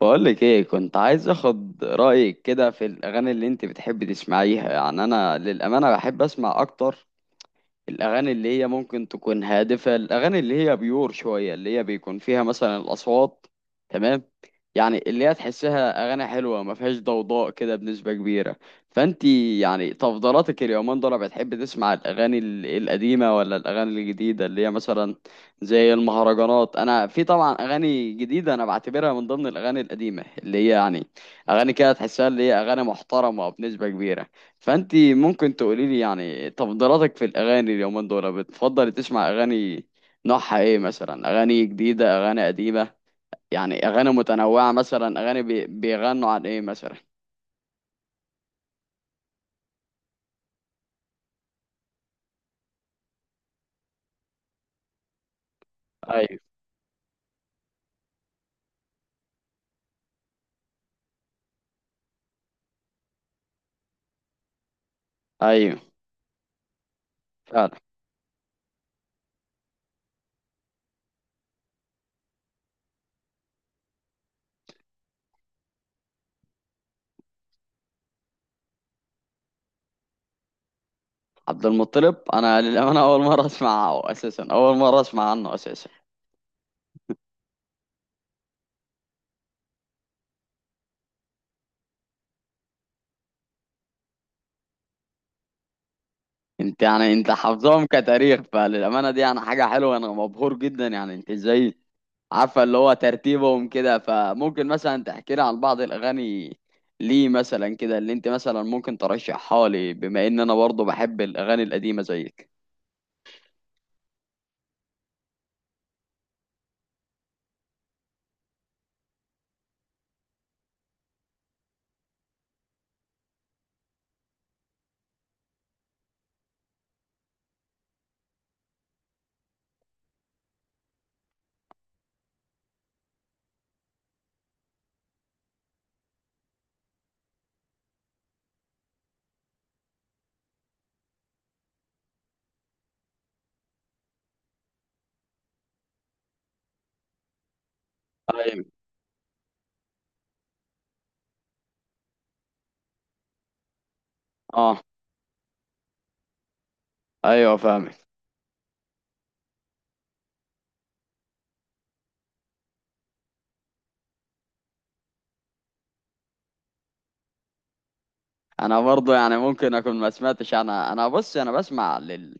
بقولك ايه، كنت عايز اخد رأيك كده في الاغاني اللي انت بتحبي تسمعيها. يعني انا للأمانة بحب اسمع اكتر الأغاني اللي هي ممكن تكون هادفة، الأغاني اللي هي بيور شوية، اللي هي بيكون فيها مثلا الأصوات. تمام. يعني اللي هي تحسها أغاني حلوة ما فيهاش ضوضاء كده بنسبة كبيرة. فأنت يعني تفضيلاتك اليومين دول بتحب تسمع الأغاني القديمة ولا الأغاني الجديدة اللي هي مثلا زي المهرجانات؟ أنا في طبعا أغاني جديدة أنا بعتبرها من ضمن الأغاني القديمة، اللي هي يعني أغاني كده تحسها اللي هي أغاني محترمة بنسبة كبيرة. فانت ممكن تقولي لي يعني تفضيلاتك في الاغاني اليومين دول؟ بتفضل تسمع اغاني نوعها ايه مثلا؟ اغاني جديده، اغاني قديمه، يعني اغاني متنوعه؟ مثلا اغاني بيغنوا عن ايه مثلا؟ ايوه. ايوه. فعلا. عبد المطلب انا للامانه اول مره اسمعه اساسا، اول مره اسمع عنه اساسا. انت يعني انت حافظهم كتاريخ، فللامانه دي يعني حاجه حلوه، انا مبهور جدا. يعني انت ازاي عارفه اللي هو ترتيبهم كده؟ فممكن مثلا تحكي لي عن بعض الاغاني ليه مثلا كده اللي انت مثلا ممكن ترشحها لي، بما ان انا برضه بحب الاغاني القديمه زيك. ايوه. اه. ايوه فاهمك. انا برضه يعني ممكن اكون ما سمعتش. انا بص، انا بسمع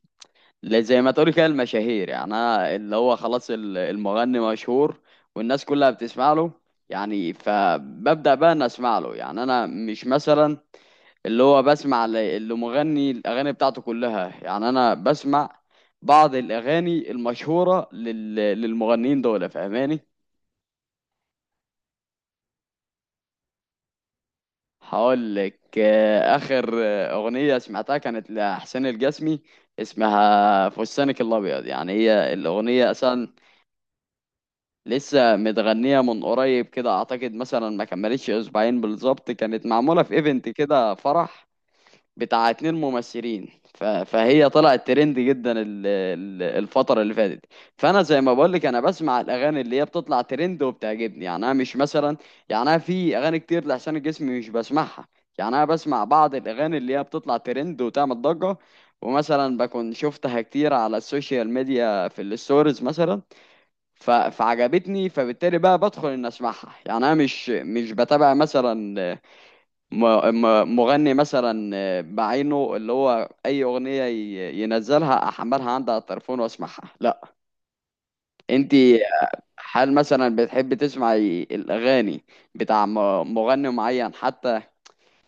زي ما تقولي كده المشاهير. يعني انا اللي هو خلاص المغني مشهور والناس كلها بتسمع له، يعني فببدأ بقى ان اسمع له. يعني انا مش مثلا اللي هو بسمع اللي مغني الأغاني بتاعته كلها، يعني أنا بسمع بعض الأغاني المشهورة للمغنيين دول. فاهماني؟ هقول لك. آخر أغنية سمعتها كانت لحسين الجسمي، اسمها فستانك الأبيض. يعني هي الأغنية أصلا لسه متغنية من قريب كده، أعتقد مثلا ما كملتش أسبوعين بالظبط. كانت معمولة في إيفنت كده فرح بتاع اتنين ممثلين. فهي طلعت ترند جدا الفترة اللي فاتت. فأنا زي ما بقولك أنا بسمع الأغاني اللي هي بتطلع ترند وبتعجبني. يعني أنا مش مثلا، يعني أنا في أغاني كتير لحسين الجسمي مش بسمعها. يعني أنا بسمع بعض الأغاني اللي هي بتطلع ترند وتعمل ضجة، ومثلا بكون شفتها كتير على السوشيال ميديا في الستوريز مثلا. فعجبتني فبالتالي بقى بدخل إن أسمعها. يعني أنا مش بتابع مثلا مغني مثلا بعينه، اللي هو اي اغنيه ينزلها احملها عندي على التليفون واسمعها، لا. انت هل مثلا بتحب تسمعي الاغاني بتاع مغني معين، حتى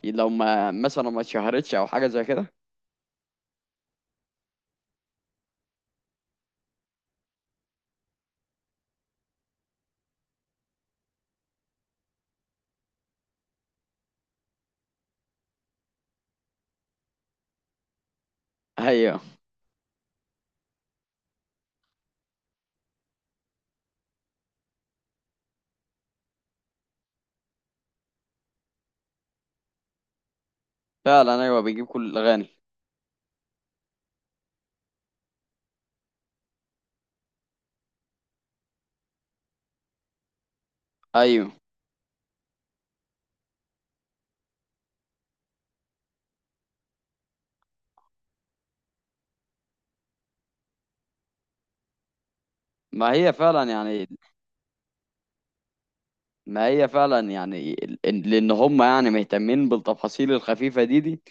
لو ما مثلا ما اتشهرتش او حاجه زي كده؟ ايوه. فعلا ايوه بيجيب كل الاغاني. ايوه. ما هي فعلا يعني. ما هي فعلا يعني، لان هم يعني مهتمين بالتفاصيل الخفيفه دي.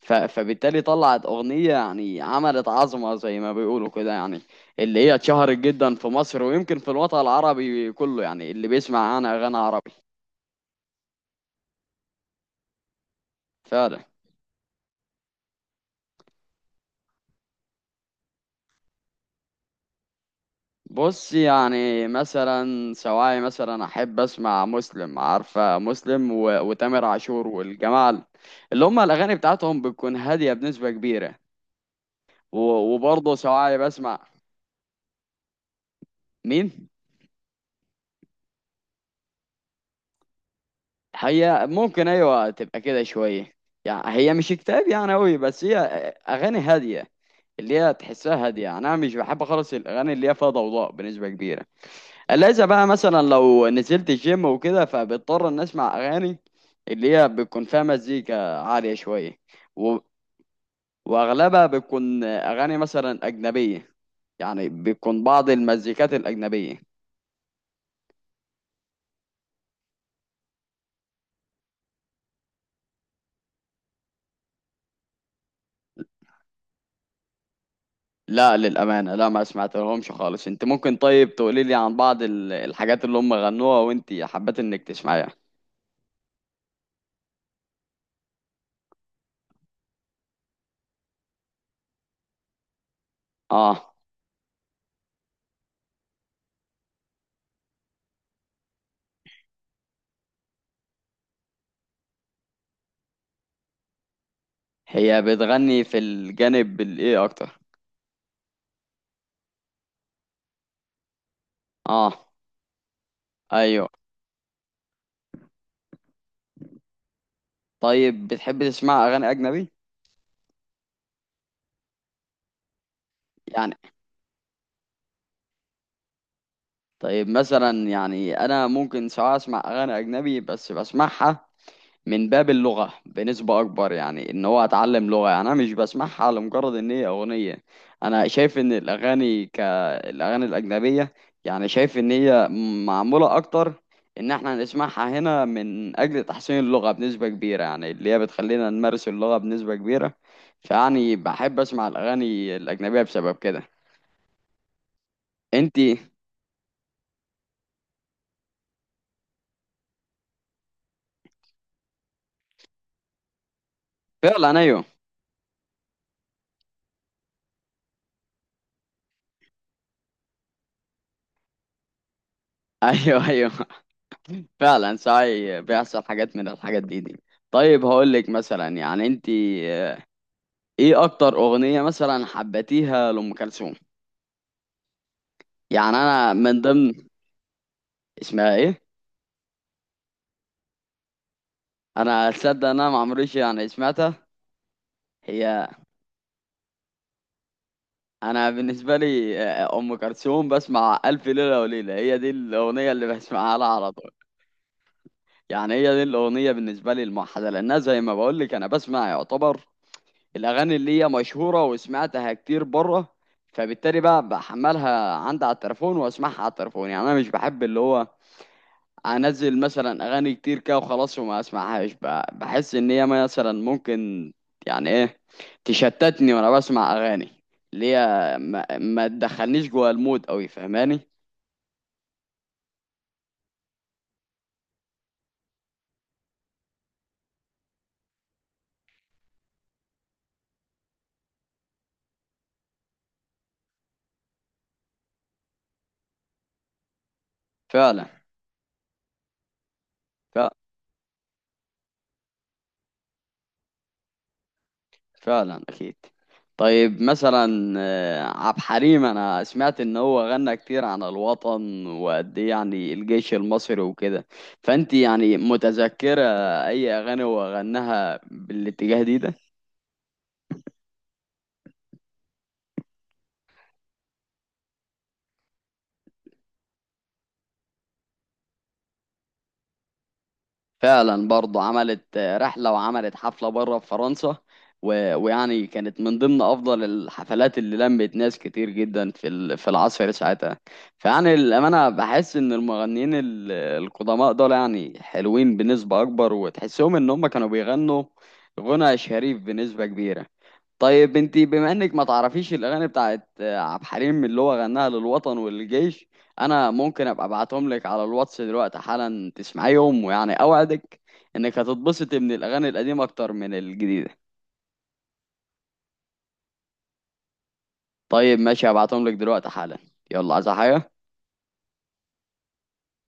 فبالتالي طلعت أغنية يعني عملت عظمة زي ما بيقولوا كده. يعني اللي هي اتشهرت جدا في مصر ويمكن في الوطن العربي كله، يعني اللي بيسمع عنها أغاني عربي. فعلا. بص، يعني مثلا سواعي مثلا أحب أسمع مسلم، عارفة مسلم وتامر عاشور والجماعة اللي هم الأغاني بتاعتهم بتكون هادية بنسبة كبيرة. و... وبرضه سواعي بسمع. مين؟ هي ممكن ايوه تبقى كده شويه، يعني هي مش اكتئاب يعني قوي، بس هي اغاني هاديه، اللي هي تحسها هاديه. يعني انا مش بحب خالص الاغاني اللي هي فيها ضوضاء بنسبه كبيره. الا اذا بقى مثلا لو نزلت الجيم وكده فبضطر ان اسمع اغاني اللي هي بتكون فيها مزيكا عاليه شويه. و... واغلبها بتكون اغاني مثلا اجنبيه، يعني بتكون بعض المزيكات الاجنبيه. لا للأمانة لا، ما سمعت لهمش خالص. انت ممكن طيب تقولي لي عن بعض الحاجات اللي هم غنوها وانت حبيت انك تسمعيها؟ اه. هي بتغني في الجانب الايه اكتر؟ اه. ايوه. طيب بتحب تسمع اغاني اجنبي؟ يعني طيب مثلا، يعني انا ممكن سواء اسمع اغاني اجنبي بس بسمعها من باب اللغة بنسبة أكبر، يعني إن هو أتعلم لغة. يعني أنا مش بسمعها لمجرد إن هي أغنية. أنا شايف إن الأغاني كالأغاني الأجنبية، يعني شايف إن هي معمولة أكتر إن إحنا نسمعها هنا من أجل تحسين اللغة بنسبة كبيرة، يعني اللي هي بتخلينا نمارس اللغة بنسبة كبيرة. فيعني بحب أسمع الأغاني الأجنبية بسبب كده. إنتي. فعلا. أيوه. أيوه. أيوه فعلا ساعي بيحصل حاجات من الحاجات دي. طيب هقول لك مثلا، يعني انت ايه اكتر اغنية مثلا حبيتيها لأم كلثوم؟ يعني انا من ضمن. اسمها ايه؟ انا اتصدق ان انا ما عمريش يعني سمعتها. هي. انا بالنسبة لي ام كلثوم بسمع الف ليلة وليلة، هي دي الاغنية اللي بسمعها لها على طول. يعني هي دي الاغنية بالنسبة لي الموحدة، لانها زي ما بقول لك انا بسمع يعتبر الاغاني اللي هي مشهورة وسمعتها كتير بره، فبالتالي بقى بحملها عندي على التليفون واسمعها على التليفون. يعني انا مش بحب اللي هو انزل مثلا اغاني كتير كده وخلاص وما اسمعهاش. بحس ان هي مثلا ممكن يعني ايه تشتتني وانا بسمع اغاني اللي هي ما تدخلنيش جوه المود قوي. فاهماني؟ فعلا. فعلا, فعلا اكيد. طيب مثلا عبد الحليم انا سمعت ان هو غنى كتير عن الوطن وقد ايه يعني الجيش المصري وكده. فانت يعني متذكرة اي اغاني هو غناها بالاتجاه ده؟ فعلا، برضه عملت رحلة وعملت حفلة بره في فرنسا. ويعني كانت من ضمن أفضل الحفلات اللي لمت ناس كتير جدا في العصر ساعتها. فيعني الأمانة بحس إن المغنيين القدماء دول يعني حلوين بنسبة أكبر، وتحسهم إن هم كانوا بيغنوا غنى شريف بنسبة كبيرة. طيب انتي بما انك ما تعرفيش الاغاني بتاعت عبد الحليم اللي هو غناها للوطن والجيش، انا ممكن ابقى ابعتهم لك على الواتس دلوقتي حالا تسمعيهم. ويعني اوعدك انك هتتبسطي من الاغاني القديمه اكتر من الجديده. طيب ماشي، هبعتهم لك دلوقتي حالا. يلا عايز حاجه؟